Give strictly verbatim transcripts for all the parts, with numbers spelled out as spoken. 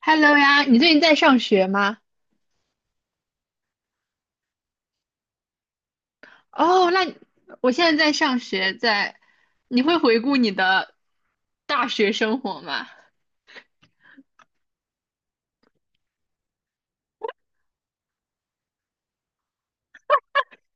Hello 呀，你最近在上学吗？哦，那你我现在在上学，在，你会回顾你的大学生活吗？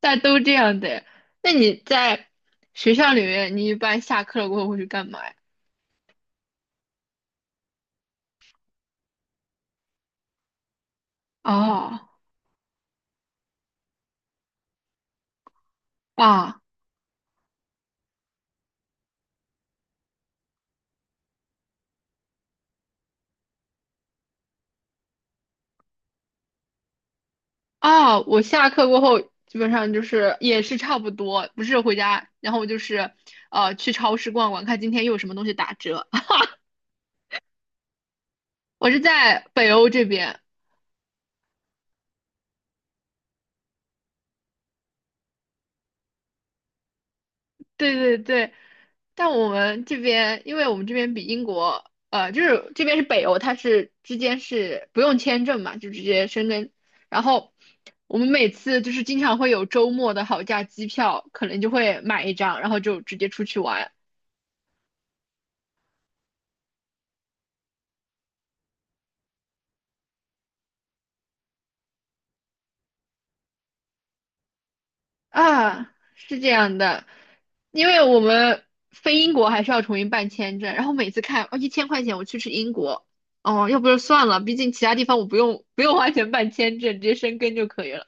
大家都这样的。那你在学校里面，你一般下课了过后会去干嘛呀？哦，啊啊，我下课过后基本上就是也是差不多，不是回家，然后就是呃去超市逛逛，看今天又有什么东西打折。我是在北欧这边，对对对，但我们这边，因为我们这边比英国，呃，就是这边是北欧，它是之间是不用签证嘛，就直接申根。然后我们每次就是经常会有周末的好价机票，可能就会买一张，然后就直接出去玩啊，是这样的。因为我们飞英国还是要重新办签证，然后每次看哦一千块钱我去吃英国，哦，要不就算了，毕竟其他地方我不用不用花钱办签证，直接申根就可以了。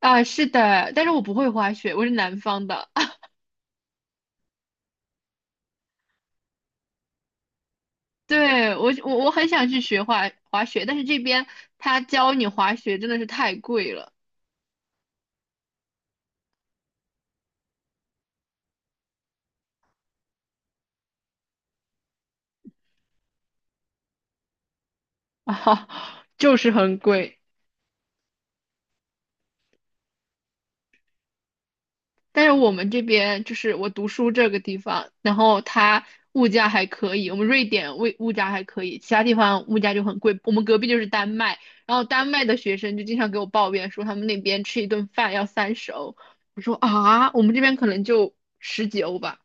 啊，是的，但是我不会滑雪，我是南方的。对，我我我很想去学滑滑雪，但是这边他教你滑雪真的是太贵了 啊，就是很贵。但是我们这边就是我读书这个地方，然后它物价还可以，我们瑞典物物价还可以，其他地方物价就很贵。我们隔壁就是丹麦，然后丹麦的学生就经常给我抱怨说他们那边吃一顿饭要三十欧，我说啊，我们这边可能就十几欧吧。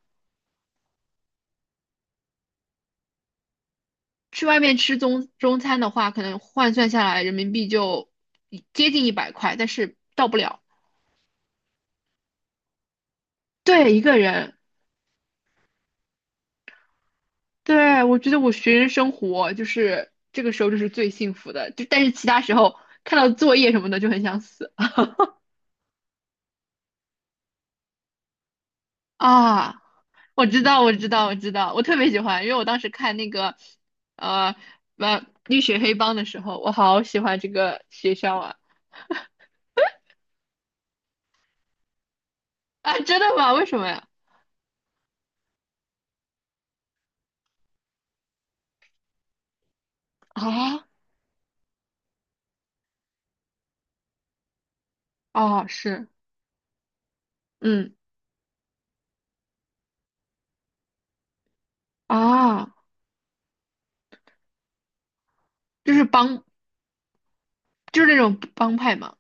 去外面吃中中餐的话，可能换算下来人民币就接近一百块，但是到不了。对，一个人。对，我觉得我学生生活就是这个时候就是最幸福的，就但是其他时候看到作业什么的就很想死 啊！我知道，我知道，我知道，我特别喜欢，因为我当时看那个呃呃绿血黑帮的时候，我好喜欢这个学校啊啊！真的吗？为什么呀？啊哦，是，嗯啊，就是帮就是那种帮派嘛。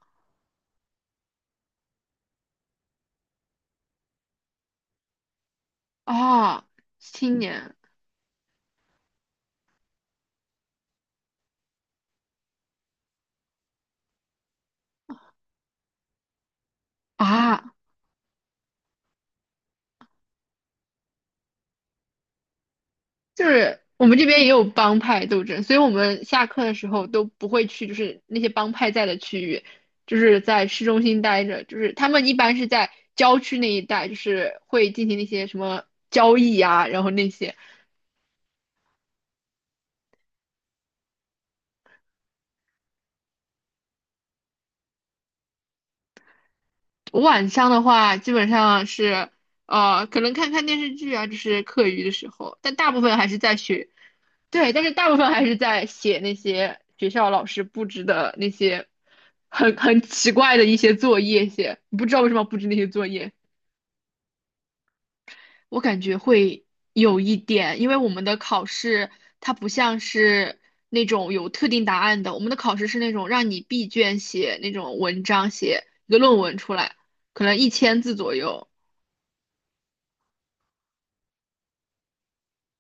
啊，青年啊，就是我们这边也有帮派斗争，所以我们下课的时候都不会去，就是那些帮派在的区域，就是在市中心待着，就是他们一般是在郊区那一带，就是会进行那些什么交易啊，然后那些。我晚上的话，基本上是呃，可能看看电视剧啊，就是课余的时候，但大部分还是在学对，但是大部分还是在写那些学校老师布置的那些很很奇怪的一些作业写，不知道为什么布置那些作业，我感觉会有一点，因为我们的考试它不像是那种有特定答案的，我们的考试是那种让你闭卷写那种文章，写一个论文出来，可能一千字左右，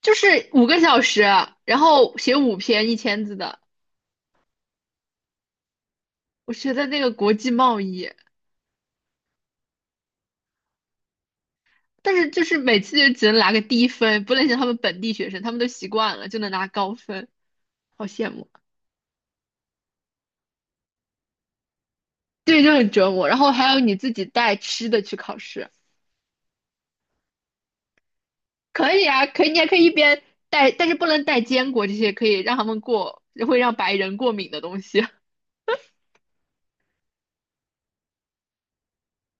就是五个小时，然后写五篇一千字的，我觉得那个国际贸易。但是就是每次就只能拿个低分，不能像他们本地学生，他们都习惯了，就能拿高分，好羡慕。对，就很折磨。然后还有你自己带吃的去考试，可以啊，可以，你还可以一边带，但是不能带坚果这些可以让他们过，会让白人过敏的东西。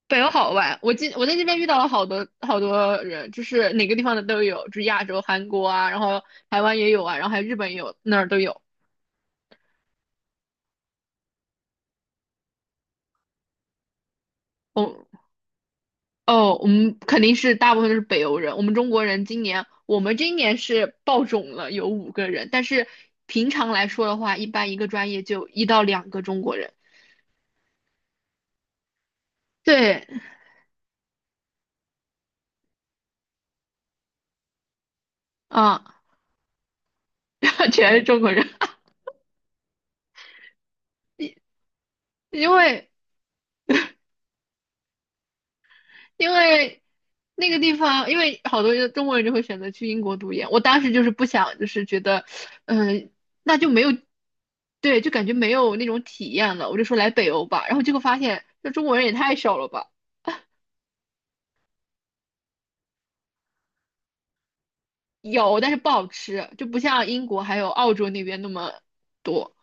北欧好玩，我今我在这边遇到了好多好多人，就是哪个地方的都有，就是亚洲、韩国啊，然后台湾也有啊，然后还有日本也有，那儿都有。我哦，我们肯定是大部分都是北欧人。我们中国人今年，我们今年是爆种了，有五个人。但是平常来说的话，一般一个专业就一到两个中国人。对，啊，全是中国人，因为因为那个地方，因为好多中国人就会选择去英国读研。我当时就是不想，就是觉得，嗯、那就没有，对，就感觉没有那种体验了。我就说来北欧吧，然后结果发现，这中国人也太少了吧。有，但是不好吃，就不像英国还有澳洲那边那么多。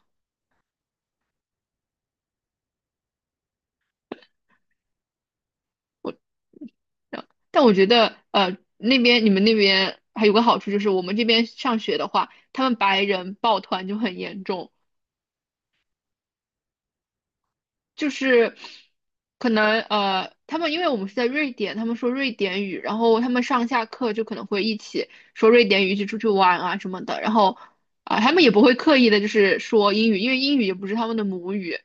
嗯但我觉得，呃，那边你们那边还有个好处就是，我们这边上学的话，他们白人抱团就很严重，就是可能呃，他们因为我们是在瑞典，他们说瑞典语，然后他们上下课就可能会一起说瑞典语，一起出去玩啊什么的，然后啊、他们也不会刻意的就是说英语，因为英语也不是他们的母语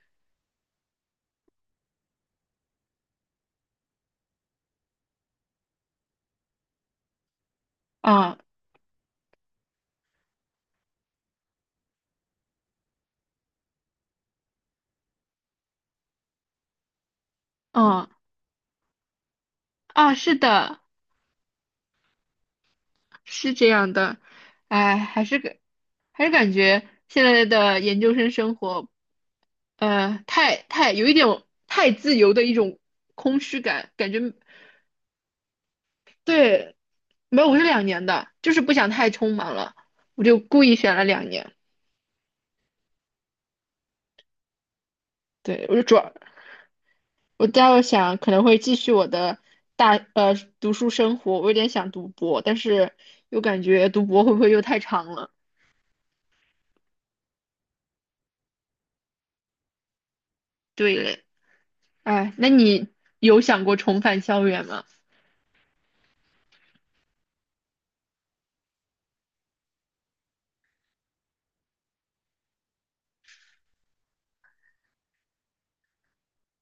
啊，嗯啊，是的。是这样的，哎，还是感还是感觉现在的研究生生活，呃，太太有一点太自由的一种空虚感，感觉对，没有，我是两年的，就是不想太匆忙了，我就故意选了两年，对，我就主要我倒想可能会继续我的大呃读书生活，我有点想读博，但是又感觉读博会不会又太长了？对嘞，哎，那你有想过重返校园吗？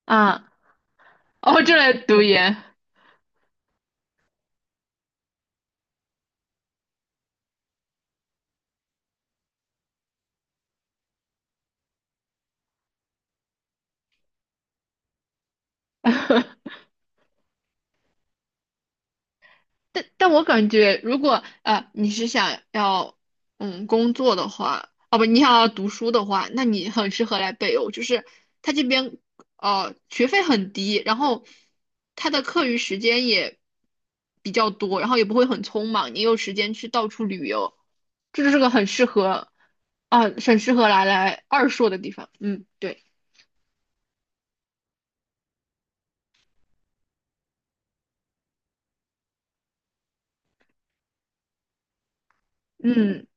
啊。哦，这来读研。但但我感觉，如果啊，你是想要嗯工作的话，哦不，你想要读书的话，那你很适合来北欧，就是他这边呃学费很低，然后他的课余时间也比较多，然后也不会很匆忙，你有时间去到处旅游，这就是个很适合啊很适合来来二硕的地方。嗯，对，嗯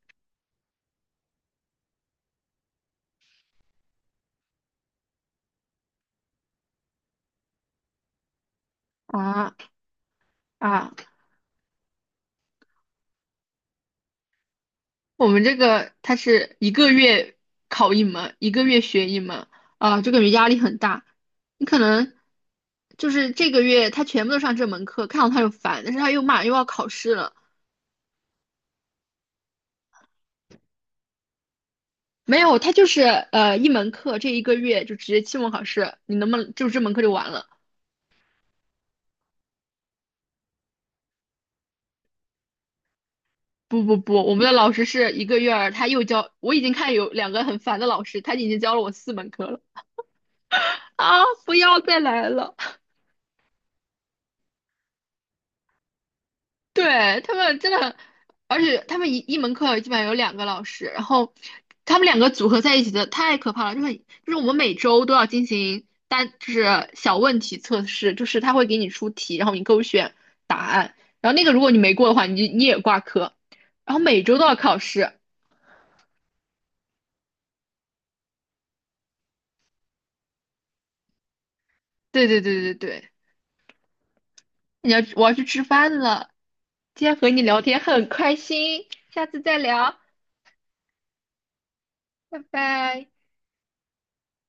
啊啊。我们这个它是一个月考一门，一个月学一门，啊，就感觉压力很大。你可能就是这个月他全部都上这门课，看到他就烦，但是他又马上又要考试了。没有，他就是呃一门课，这一个月就直接期末考试，你能不能就这门课就完了？不不不，我们的老师是一个月儿，他又教，我已经看有两个很烦的老师，他已经教了我四门课了啊！不要再来了。对，他们真的，而且他们一一门课基本上有两个老师，然后他们两个组合在一起的太可怕了，就是很就是我们每周都要进行单，就是小问题测试，就是他会给你出题，然后你勾选答案，然后那个如果你没过的话，你你也挂科，然后每周都要考试。对对对对对，你要我要去吃饭了，今天和你聊天很开心，下次再聊，拜拜。